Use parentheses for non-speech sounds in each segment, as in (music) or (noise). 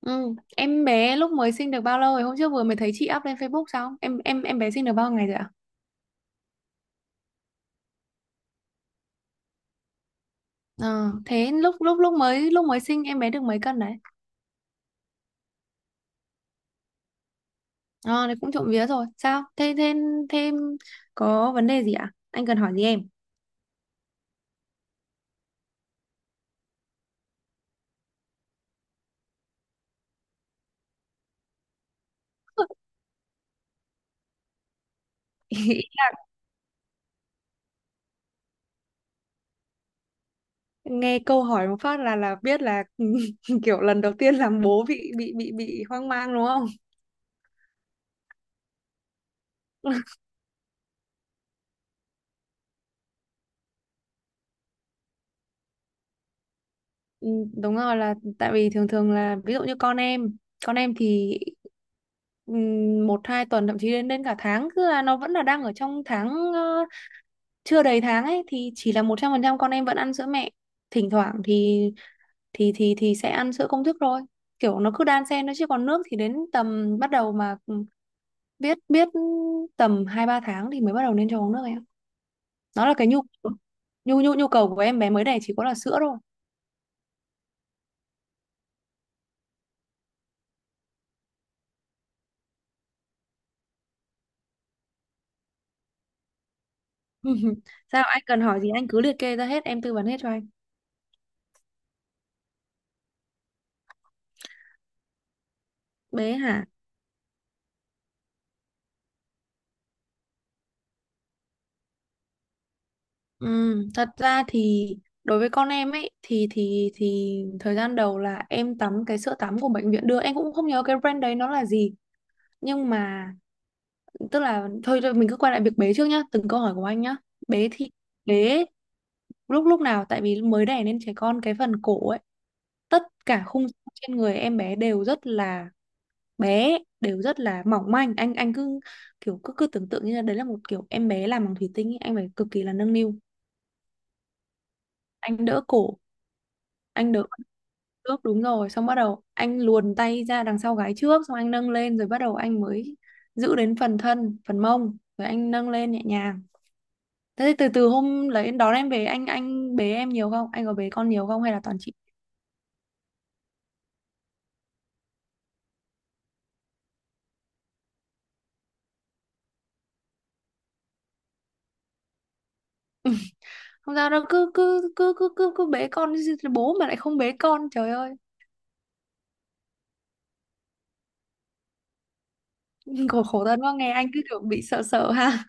Ừ. Em bé lúc mới sinh được bao lâu rồi? Hôm trước vừa mới thấy chị up lên Facebook sao? Em bé sinh được bao ngày rồi ạ? Ờ, Thế lúc lúc lúc mới sinh em bé được mấy cân đấy? Ờ, Đấy cũng trộm vía rồi. Sao? Thế thêm thêm có vấn đề gì ạ? Anh cần hỏi gì em? (laughs) Nghe câu hỏi một phát là biết là (laughs) kiểu lần đầu tiên làm bố bị hoang mang đúng không? Ừ, Đúng rồi, là tại vì thường thường là ví dụ như con em thì một hai tuần, thậm chí đến đến cả tháng, cứ là nó vẫn là đang ở trong tháng, ờ, chưa đầy tháng ấy, thì chỉ là một trăm phần trăm con em vẫn ăn sữa mẹ, thỉnh thoảng thì thì sẽ ăn sữa công thức thôi, kiểu nó cứ đan xen nó. Chứ còn nước thì đến tầm bắt đầu mà ừ, biết biết tầm hai ba tháng thì mới bắt đầu nên cho uống nước em. Nó là cái nhu nhu nhu nhu cầu của em bé mới đẻ chỉ có là sữa. (laughs) Sao anh cần hỏi gì anh cứ liệt kê ra hết em tư vấn hết cho anh. Bé hả? Ừ, thật ra thì đối với con em ấy thì thời gian đầu là em tắm cái sữa tắm của bệnh viện đưa, em cũng không nhớ cái brand đấy nó là gì, nhưng mà tức là thôi, mình cứ quay lại việc bé trước nhá, từng câu hỏi của anh nhá. Bé thì bé lúc lúc nào tại vì mới đẻ nên trẻ con cái phần cổ ấy, tất cả khung xương trên người em bé đều rất là bé, đều rất là mỏng manh. Anh cứ kiểu cứ cứ tưởng tượng như là đấy là một kiểu em bé làm bằng thủy tinh ý. Anh phải cực kỳ là nâng niu. Anh đỡ cổ, anh đỡ trước, đúng rồi, xong bắt đầu anh luồn tay ra đằng sau gái trước, xong anh nâng lên, rồi bắt đầu anh mới giữ đến phần thân phần mông rồi anh nâng lên nhẹ nhàng. Thế thì từ từ hôm lấy đón em về anh bế em nhiều không, anh có bế con nhiều không hay là toàn chị? (laughs) Không sao đâu, cứ cứ cứ cứ cứ cứ bế con, bố mà lại không bế con trời ơi. (laughs) khổ khổ thân quá, nghe anh cứ kiểu bị sợ sợ ha.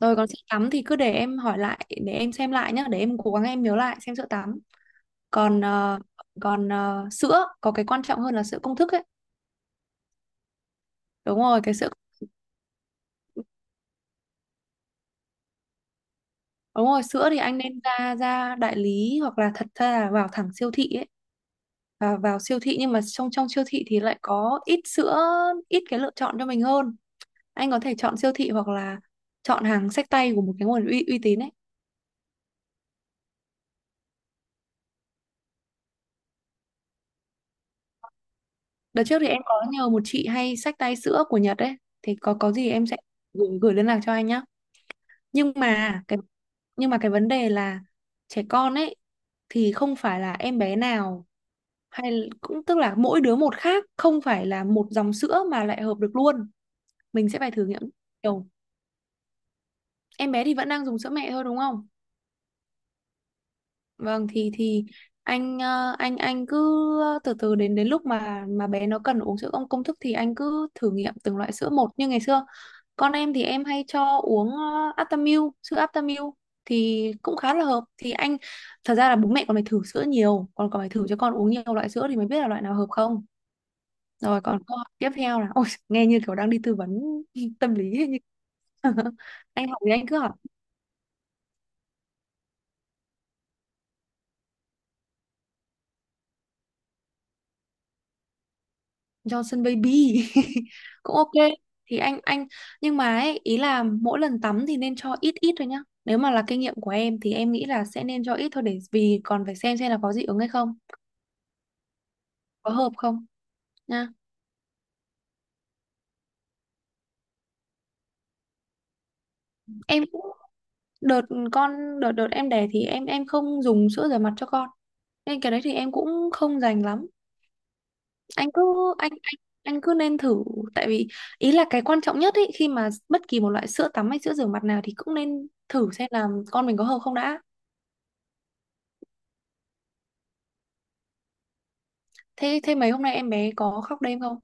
Rồi còn sữa tắm thì cứ để em hỏi lại, để em xem lại nhá, để em cố gắng em nhớ lại xem sữa tắm. Còn còn sữa có cái quan trọng hơn là sữa công thức ấy. Đúng rồi, cái sữa, đúng rồi, sữa thì anh nên ra ra đại lý, hoặc là thật ra là vào thẳng siêu thị ấy. Và vào siêu thị nhưng mà trong trong siêu thị thì lại có ít sữa, ít cái lựa chọn cho mình hơn. Anh có thể chọn siêu thị hoặc là chọn hàng xách tay của một cái nguồn uy tín ấy. Đợt trước thì em có nhờ một chị hay xách tay sữa của Nhật ấy, thì có gì em sẽ gửi liên lạc cho anh nhá. Nhưng mà cái nhưng mà cái vấn đề là trẻ con ấy thì không phải là em bé nào hay cũng, tức là mỗi đứa một khác, không phải là một dòng sữa mà lại hợp được luôn. Mình sẽ phải thử nghiệm nhiều. Em bé thì vẫn đang dùng sữa mẹ thôi đúng không? Vâng, thì anh anh cứ từ từ, đến đến lúc mà bé nó cần uống sữa công công thức thì anh cứ thử nghiệm từng loại sữa một như ngày xưa. Con em thì em hay cho uống Aptamil, sữa Aptamil thì cũng khá là hợp. Thì anh thật ra là bố mẹ còn phải thử sữa nhiều, còn còn phải thử cho con uống nhiều loại sữa thì mới biết là loại nào hợp không. Rồi còn câu hỏi tiếp theo là, ôi, nghe như kiểu đang đi tư vấn (laughs) tâm lý ấy, như (laughs) anh hỏi thì anh cứ hỏi. Johnson Baby (laughs) cũng ok. Thì anh nhưng mà ấy, ý là mỗi lần tắm thì nên cho ít ít thôi nhá, nếu mà là kinh nghiệm của em thì em nghĩ là sẽ nên cho ít thôi, để vì còn phải xem là có dị ứng hay không, có hợp không nha. Em cũng đợt con đợt đợt em đẻ thì em không dùng sữa rửa mặt cho con, nên cái đấy thì em cũng không dành lắm. Anh cứ anh anh anh cứ nên thử, tại vì ý là cái quan trọng nhất ấy, khi mà bất kỳ một loại sữa tắm hay sữa rửa mặt nào thì cũng nên thử xem là con mình có hợp không đã. Thế thế mấy hôm nay em bé có khóc đêm không?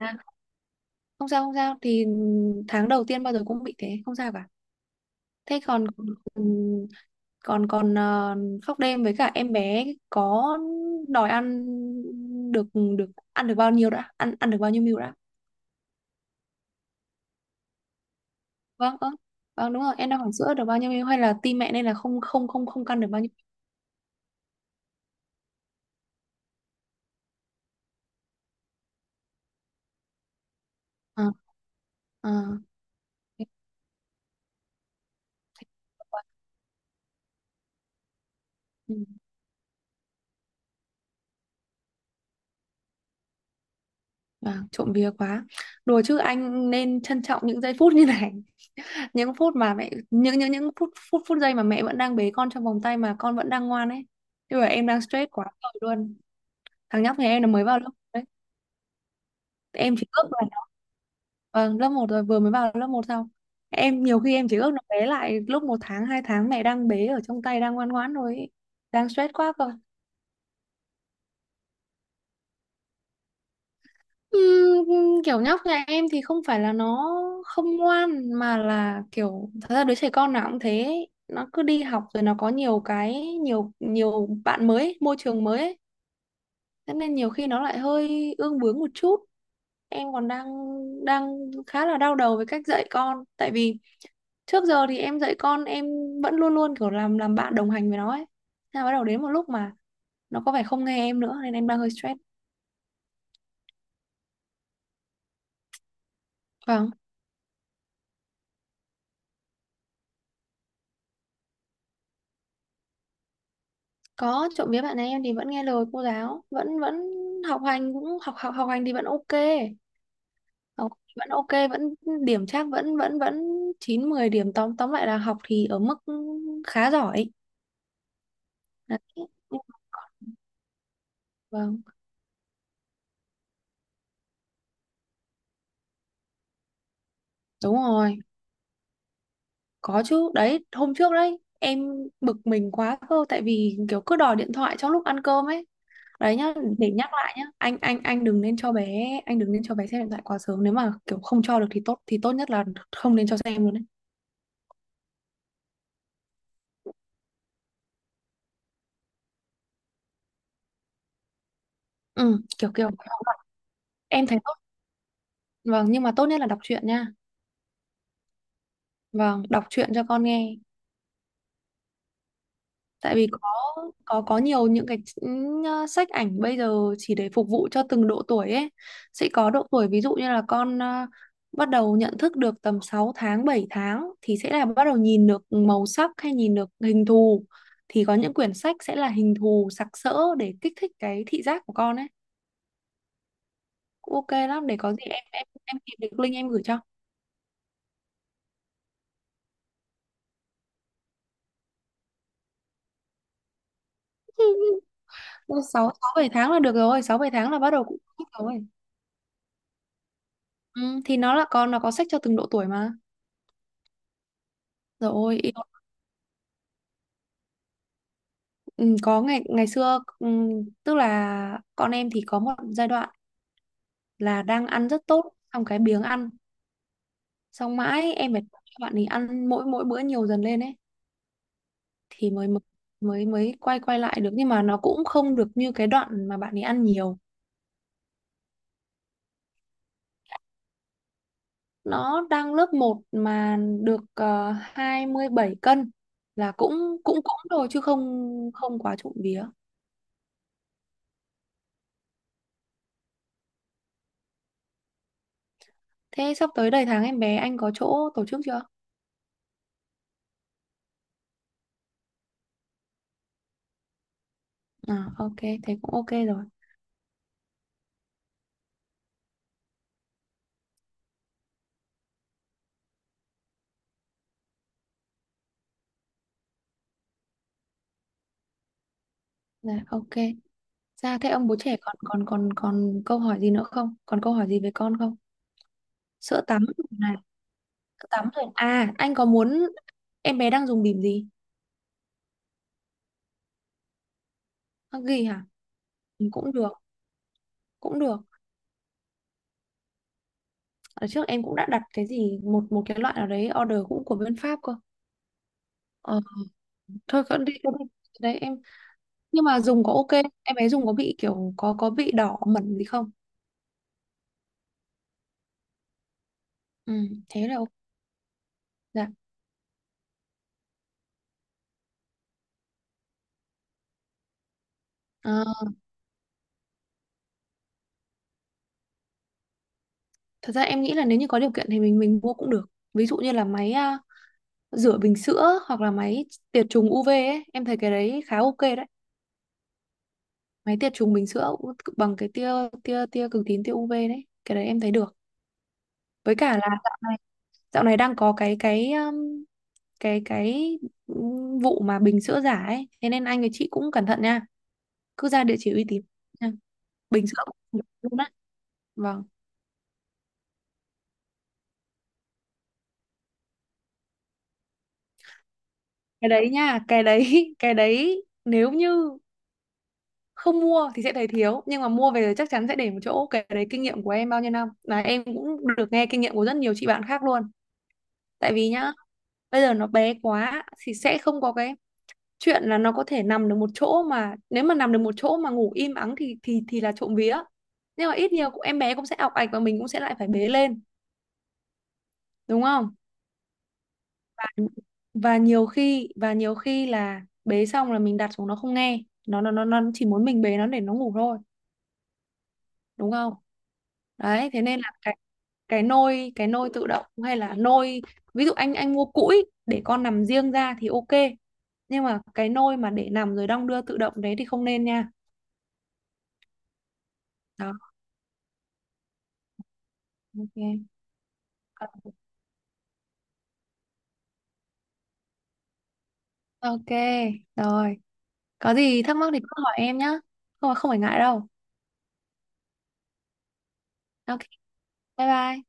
À, không sao thì tháng đầu tiên bao giờ cũng bị thế, không sao cả. Thế còn ừ, còn còn ờ, khóc đêm với cả em bé có đòi ăn được, được ăn được bao nhiêu đã, ăn ăn được bao nhiêu ml đã? Vâng, ơ vâng đúng rồi em đang hỏi sữa được bao nhiêu ml hay là tim mẹ, nên là không không không không căn được bao nhiêu. À, à, thế tốt quá. Ừ. Vâng, trộm vía quá. Đùa chứ anh nên trân trọng những giây phút như này, (laughs) những phút mà mẹ, những phút phút phút giây mà mẹ vẫn đang bế con trong vòng tay mà con vẫn đang ngoan ấy, chứ mà em đang stress quá rồi luôn. Thằng nhóc nhà em nó mới vào lớp. Em chỉ ước là, vâng, lớp một rồi, vừa mới vào lớp một xong. Em nhiều khi em chỉ ước nó bé lại lúc một tháng hai tháng, mẹ đang bế ở trong tay đang ngoan ngoãn rồi ấy. Đang stress quá cơ. Kiểu nhóc nhà em thì không phải là nó không ngoan, mà là kiểu thật ra đứa trẻ con nào cũng thế ấy. Nó cứ đi học rồi nó có nhiều cái, nhiều nhiều bạn mới ấy, môi trường mới ấy. Thế nên nhiều khi nó lại hơi ương bướng một chút, em còn đang đang khá là đau đầu với cách dạy con, tại vì trước giờ thì em dạy con em vẫn luôn luôn kiểu làm bạn đồng hành với nó ấy. Thế là bắt đầu đến một lúc mà nó có vẻ không nghe em nữa nên em đang hơi stress. Vâng, có, trộm vía bạn ấy em thì vẫn nghe lời cô giáo, vẫn vẫn học hành cũng học học học hành thì vẫn ok, học vẫn ok, điểm chắc vẫn vẫn vẫn chín mười điểm, tóm tóm lại là học thì ở mức khá giỏi đấy. Vâng, đúng rồi, có chứ, đấy hôm trước đấy em bực mình quá cơ, tại vì kiểu cứ đòi điện thoại trong lúc ăn cơm ấy. Đấy nhá, để nhắc lại nhá, anh đừng nên cho bé, anh đừng nên cho bé xem điện thoại quá sớm, nếu mà kiểu không cho được thì tốt, thì tốt nhất là không nên cho xem luôn đấy. Ừ kiểu kiểu em thấy tốt, vâng, nhưng mà tốt nhất là đọc truyện nha, vâng, đọc truyện cho con nghe. Tại vì có có nhiều những cái sách ảnh bây giờ chỉ để phục vụ cho từng độ tuổi ấy, sẽ có độ tuổi ví dụ như là con bắt đầu nhận thức được tầm 6 tháng 7 tháng thì sẽ là bắt đầu nhìn được màu sắc hay nhìn được hình thù, thì có những quyển sách sẽ là hình thù sặc sỡ để kích thích cái thị giác của con ấy, cũng ok lắm. Để có gì em em tìm được link em gửi cho. (laughs) sáu sáu bảy tháng là được rồi, sáu bảy tháng là bắt đầu cũng thích rồi. Ừ, thì nó là con nó có sách cho từng độ tuổi mà. Rồi yêu. Ừ, có, ngày ngày xưa tức là con em thì có một giai đoạn là đang ăn rất tốt xong cái biếng ăn, xong mãi em phải cho bạn ấy ăn mỗi mỗi bữa nhiều dần lên ấy thì mới mới quay quay lại được, nhưng mà nó cũng không được như cái đoạn mà bạn ấy ăn nhiều. Nó đang lớp một mà được 27 cân là cũng cũng cũng rồi chứ không, không quá trộm vía. Thế sắp tới đầy tháng em bé anh có chỗ tổ chức chưa? À ok, thế cũng ok rồi. Dạ ok. Sao thế ông bố trẻ, còn còn còn còn câu hỏi gì nữa không? Còn câu hỏi gì về con không? Sữa tắm này, sữa tắm rồi. À, anh có muốn, em bé đang dùng bỉm gì? Huggies hả? Ừ, cũng được, cũng được. Ở trước em cũng đã đặt cái gì một một cái loại nào đấy order cũng của bên Pháp cơ. Ờ, thôi cứ đi, cứ đi. Đấy em. Nhưng mà dùng có ok, em bé dùng có bị kiểu có bị đỏ mẩn gì không? Ừ, thế là ok. Dạ. Ờ, thật ra em nghĩ là nếu như có điều kiện thì mình mua cũng được. Ví dụ như là máy à, rửa bình sữa, hoặc là máy tiệt trùng UV ấy, em thấy cái đấy khá ok đấy. Máy tiệt trùng bình sữa cũng bằng cái tia tia tia cực tím, tia UV đấy, cái đấy em thấy được. Với cả là dạo này đang có cái cái cái vụ mà bình sữa giả ấy, thế nên anh với chị cũng cẩn thận nha, cứ ra địa chỉ uy tín nha. Bình sữa cũng được luôn á. Vâng, cái đấy nha, cái đấy (laughs) cái đấy nếu như không mua thì sẽ thấy thiếu, nhưng mà mua về chắc chắn sẽ để một chỗ. Cái đấy kinh nghiệm của em bao nhiêu năm, là em cũng được nghe kinh nghiệm của rất nhiều chị bạn khác luôn. Tại vì nhá, bây giờ nó bé quá thì sẽ không có cái chuyện là nó có thể nằm được một chỗ, mà nếu mà nằm được một chỗ mà ngủ im ắng thì thì là trộm vía, nhưng mà ít nhiều cũng em bé cũng sẽ ọc ạch và mình cũng sẽ lại phải bế lên, đúng không. Và nhiều khi là bế xong là mình đặt xuống nó không nghe, nó nó chỉ muốn mình bế nó để nó ngủ thôi, đúng không. Đấy thế nên là cái nôi tự động, hay là nôi, ví dụ anh mua cũi để con nằm riêng ra thì ok, nhưng mà cái nôi mà để nằm rồi đong đưa tự động đấy thì không nên nha. Đó, ok, ok rồi. Có gì thắc mắc thì cứ hỏi em nhá, không, không phải ngại đâu. Ok, bye bye.